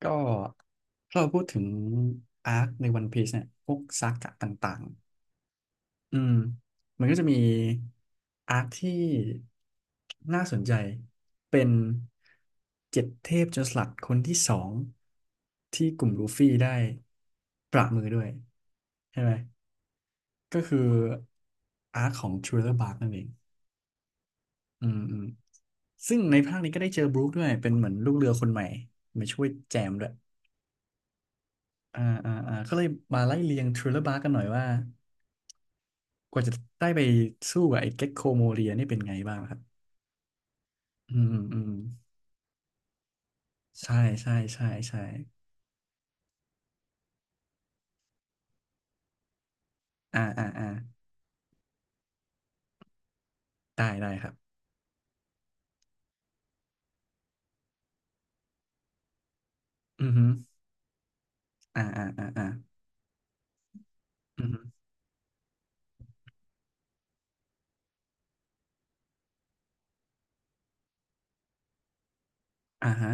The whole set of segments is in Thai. ก็ถ้าเราพูดถึงอาร์คในวันพีซเนี่ยพวกซากะต่างๆมันก็จะมีอาร์คที่น่าสนใจเป็นเจ็ดเทพโจรสลัดคนที่สองที่กลุ่มลูฟี่ได้ประมือด้วยใช่ไหมก็คืออาร์คของทรูเลอร์บาร์กนั่นเองอืมอืมซึ่งในภาคนี้ก็ได้เจอบรูคด้วยเป็นเหมือนลูกเรือคนใหม่มาช่วยแจมด้วย ก็เลยมาไล่เรียงทริลเลอร์บาร์กันหน่อยว่ากว่าจะได้ไปสู้กับไอ้เก็กโคโมเรียนี่เป็นไงบ้างครับอืมอืมใช่ใช่ใช่ใช่อ่าอ่าอ่าได้ได้ครับอือฮึอ่าอ่าอ่าอ่าอือฮึอ่าฮะ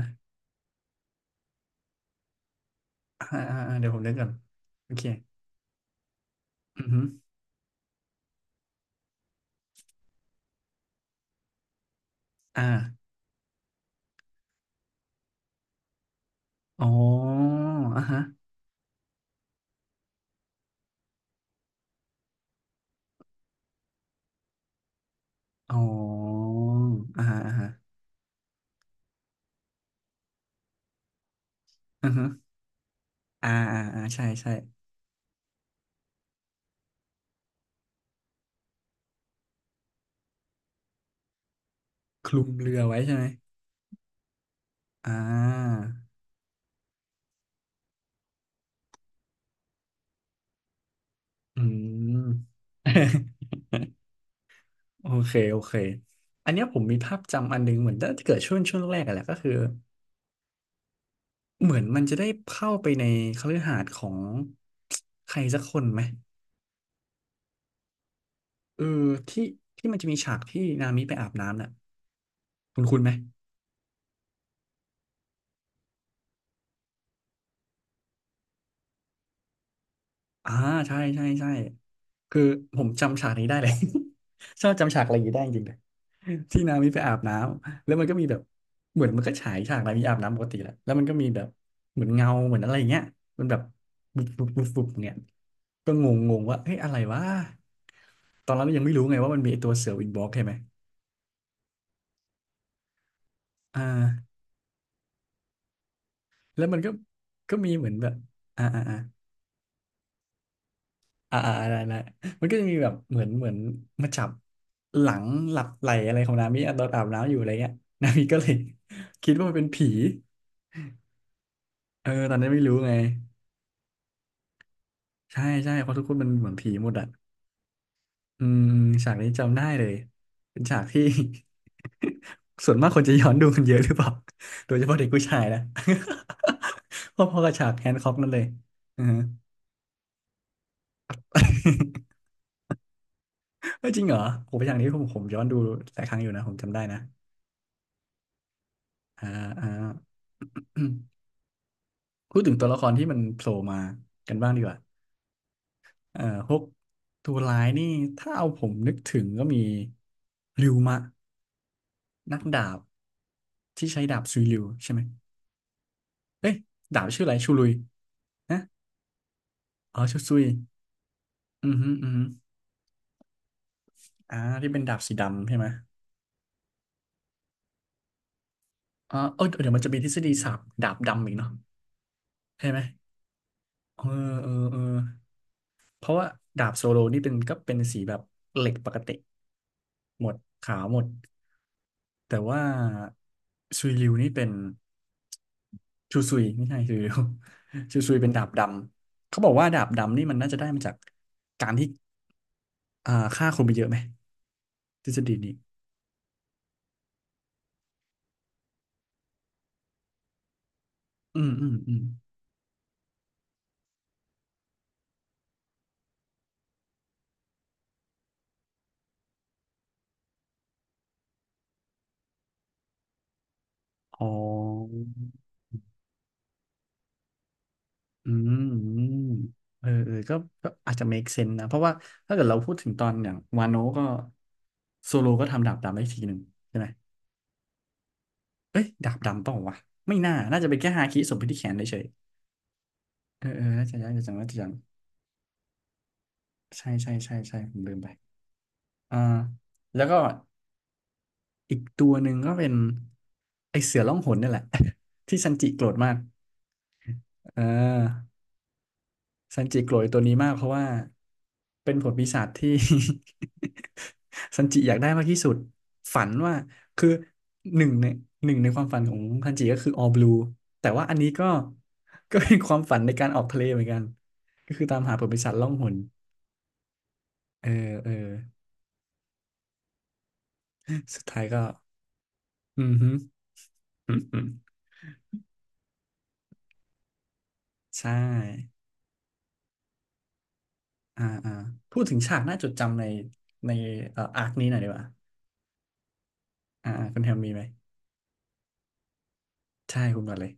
เดี๋ยวผมเล่นกก่อนโอเคอือฮึอ่าอ๋ออ่าฮะอ๋ออ่าฮะอ่าฮะอือฮึอ่าอ่าอ่าใช่ใช่คลุมเรือไว้ใช่ไหมอ่าอืม โอเคโอเค อันเนี้ยผมมีภาพจำอันนึงเหมือนน่าจะเกิดช่วงช่วงแรกๆอะแหละก็คือเหมือนมันจะได้เข้าไปในคฤหาสน์ของใครสักคนไหมเออที่ที่มันจะมีฉากที่นามิไปอาบน้ำน่ะคุณคุณไหม อ่าใช่ใช่ใช่คือผมจำฉากนี้ได้เลย ชอบจำฉากอะไรอย่างนี้ได้จริงๆเลยที่นามิไปอาบน้ำแล้วมันก็มีแบบเหมือนมันก็ฉายฉากนามิอาบน้ำปกติแหละแล้วมันก็มีแบบเหมือนเงาเหมือนอะไรอย่างเงี้ยมันแบบบุบบุบบุบบุบอย่างเงี้ยก็งงงงว่าเฮ้ยอะไรวะตอนนั้นยังไม่รู้ไงว่ามันมีไอ้ตัวเสือวินบ็อกใช่ไหมอ่าแล้วมันก็มีเหมือนแบบอ่าอ่า อ่าอ่าได้ได้มันก็จะมีแบบเหมือนมาจับหลังหลับไหลอะไรของนามิอ่ะตอนอาบน้ำอยู่อะไรเงี้ย นามิก็เลย คิดว่ามันเป็นผีเออตอนนั้นไม่รู้ไงใช่ใช่เพราะทุกคนมันเหมือนผีหมดอ่ะอืมฉากนี้จำได้เลยเป็นฉากที่ ส่วนมากคนจะย้อนดูกันเยอะหรือเปล่าโดยเฉพาะเด็กผู้ชายนะ พอๆกับฉากแฮนค็อกนั่นเลยอือฮะเออจริงเหรอผมไปฉากนี้ผมย้อนดูหลายครั้งอยู่นะผมจำได้นะอ่าอ่า พูดถึงตัวละครที่มันโผล่มากันบ้างดีกว่าเอ่อพวกตัวร้ายนี่ถ้าเอาผมนึกถึงก็มีริวมะนักดาบที่ใช้ดาบซุยริวใช่ไหมเอ้ยดาบชื่ออะไรชูลุยนะอ๋อชูซุยอือฮึอือฮึอ่าที่เป็นดาบสีดำใช่ไหมอ๋อเออเดี๋ยวมันจะมีทฤษฎีสาบดาบดำอีกเนาะใช่ไหมเออเออเออเพราะว่าดาบโซโลนี่เป็นก็เป็นสีแบบเหล็กปกติหมดขาวหมด แต่ว่าซุยริวนี่เป็นชูซุยไม่ใช่ซุยริว ชูซุย เป็นดาบดำเขาบอกว่าดาบดำนี่มันน่าจะได้มาจากการที่อ่าฆ่าคนไปเยอะไหมทฤษฎีนี้อืมอืมอืมอ๋ออืมอืมเออเออก็อาจจะ make sense นะเพราะว่าถ้าเกิดเราพูดถึงตอนอย่างวานโนก็โซโลก็ทำดาบดำได้ทีหนึ่งใช่ไหมเอ้ยดาบดำเปล่าวะไม่น่าน่าจะเป็นแค่ฮาคิส่งไปที่แขนเฉยๆเออเออน่าจะยังน่าจะยังน่าจะยัง ใช่ใช่ใช่ใช่ผมลืมไปอ่าแล้วก็อีกตัวหนึ่งก็เป็นไอเสือล่องหนนี่แหละ ที่ซันจิโกรธมากเออซันจิโกรธตัวนี้มากเพราะว่าเป็นผลปีศาจที่ ซันจิอยากได้มากที่สุดฝันว่าคือหนึ่งในหนึ่งในความฝันของซันจิก็คือ All Blue แต่ว่าอันนี้ก็ ก็เป็นความฝันในการออกทะเลเหมือนกันก็คือตามหาผลปีศาจล่องหนเออเออสุดท้ายก็อือฮึ ใช่ อ่าอ่าพูดถึงฉากน่าจดจำในในอาร์คนี้หน่อยดีกว่าคุณแฮมมีไหม ใช่คุณก่อนเลย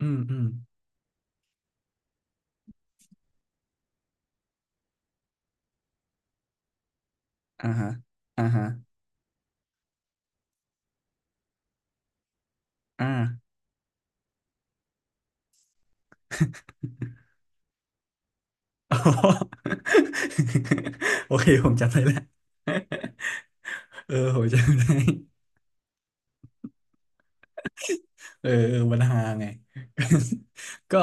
อืม อืมอ่าฮะอ่าฮะอ่า อ๋อ โอเค ผมจำได้แล้ว เออ ผมจำได้เออเออมันฮาไง ก็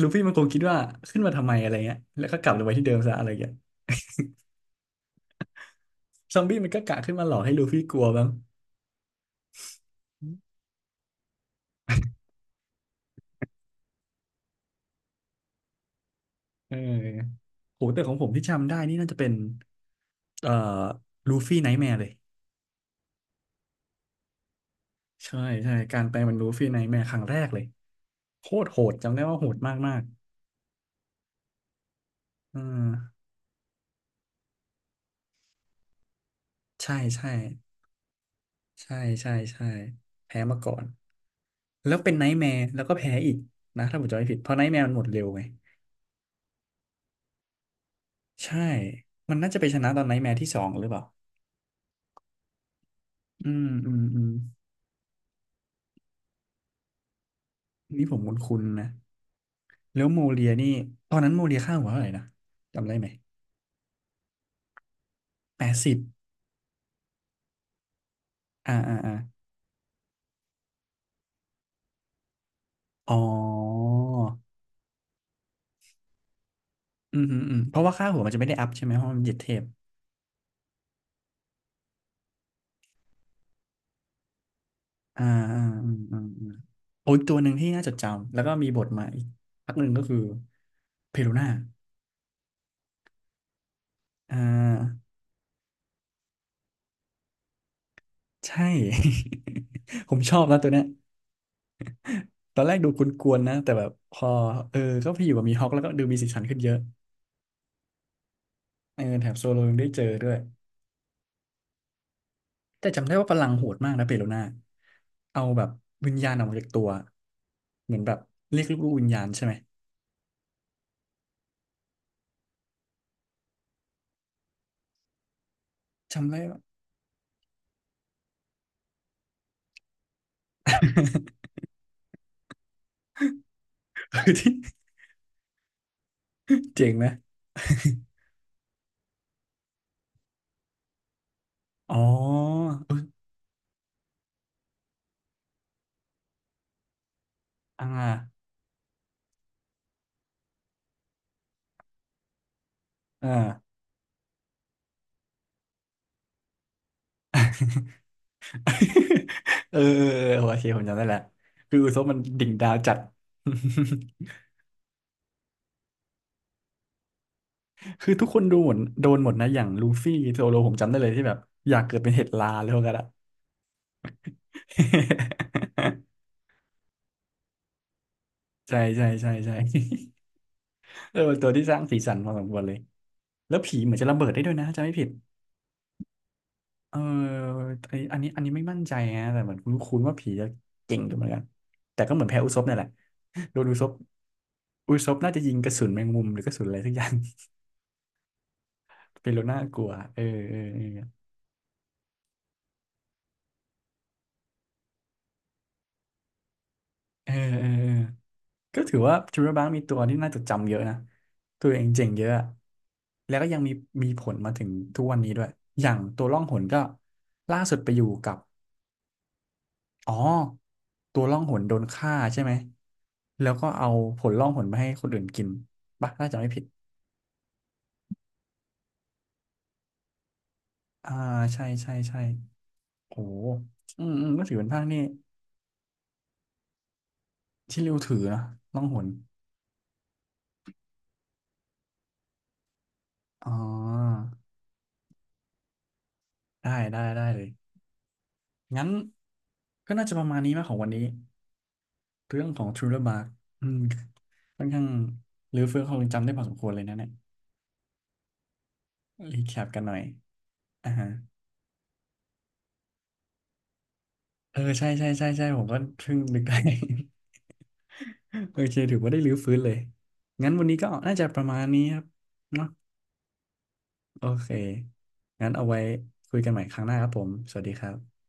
ลูฟี่มันคงคิดว่าขึ้นมาทำไมอะไรเงี้ยแล้วก็กลับลงไปที่เดิมซะอะไรเงี้ยซอมบี้มันก็กะขึ้นมาหลอกให้ลูฟี่กลัวบ้าง เออโหแต่ของผมที่จำได้นี่น่าจะเป็นเอ่อลูฟี่ไนท์แมร์เลยใช่ใช่การแปลเป็นลูฟี่ไนท์แมร์ครั้งแรกเลยโคตรโหดจำได้ว่าโหดมากมากเออใช่ใช่ใช่ใช่ใช่แพ้มาก่อนแล้วเป็นไนท์แมร์แล้วก็แพ้อีกนะถ้าผมจำไม่ผิดเพราะไนท์แมร์มันหมดเร็วไงใช่มันน่าจะไปชนะตอนไนท์แมร์ที่สองหรือเปล่าอืมอืมอืมนี่ผมคุ้นๆนะแล้วโมเลียนี่ตอนนั้นโมเลียค่าหัวเท่าไหร่นะจำได้ไหม80อ่าอ่าอ่า อ๋ออืมอืมอืมเพราะว่าค่าหัวมันจะไม่ได้อัพใช่ไหมเพราะมันเหยียดเทปอ่าอ่าอืมอืมอืมโอ้ยตัวหนึ่งที่น่าจดจำแล้วก็มีบทมาอีกพักหนึ่งก็คือเพโรน่าอ่าใช่ ผมชอบนะตัวเนี้ยตอนแรกดูกวนๆนะแต่แบบพอเออก็ไปอยู่กับมีฮอคแล้วก็ดูมีสีสันขึ้นเยอะเออแถมโซโลยังได้เจอด้วยแต่จำได้ว่าพลังโหดมากนะเปโรน่าเอาแบบวิญญาณออกมาจากตัวเหมือนแบบเรียกลูกๆวิญญาณใช่ไหมจำได้ว่า เจ๋งไหมอ๋อเอออ่าอ่าเออเออเออโอเคผมจำได้แล้วคืออุซบมันดิ่งดาวจัดคือทุกคนดูหมดโดนหมดนะอย่างลูฟี่โซโลผมจำได้เลยที่แบบอยากเกิดเป็นเห็ดลาเลยพวกกั้นอะ ใช่ใช่ใช่ใช่เออเป็นตัวที่สร้างสีสันพอสมควรเลยแล้วผีเหมือนจะระเบิดได้ด้วยนะจำไม่ผิด เออไออันนี้อันนี้ไม่มั่นใจนะแต่เหมือนคุ้นคุ้นว่าผีจะเก่งอยู่เหมือนกันแต่ก็เหมือนแพ้อุซบนั่นแหละโดนอุซบอุซบน่าจะยิงกระสุนแมงมุมหรือกระสุนอะไรสักอย่าง เป็นโลน่ากลัวเออเออเออเออเออเออก็ถือว่าทริเบอร์บังมีตัวที่น่าจดจำเยอะนะตัวเองเจ๋งเยอะอะแล้วก็ยังมีมีผลมาถึงทุกวันนี้ด้วยอย่างตัวล่องหนก็ล่าสุดไปอยู่กับ อ๋อตัวล่องหนโดนฆ่าใช่ไหมแล้วก็เอาผลล่องหนมาให้คนอื่นกินปะน่าจะไม่ผิดอ่าใช่ใช่ใช่โอ้โหอืมอืมก็ถือเป็นภาคนี่ที่ริวถือนะล่องหนอ๋อได้ได้ได้เลยงั้นก็น่าจะประมาณนี้มากของวันนี้เรื่องของ Thriller Bark อืมค่อนข้างรื้อฟื้นความทรงจำได้พอสมควรเลยนะเนี่ยรีแคปกันหน่อยอ่าฮะเออใช่ใช่ใช่ใช่ผมก็เพิ่งนึก ได้ โอเคถือว่าได้รื้อฟื้นเลย งั้นวันนี้ก็น่าจะประมาณนี้ครับเนาะโอเค งั้นเอาไว้คุยกันใหม่ครั้งหน้าครับผม สวัสดีครับ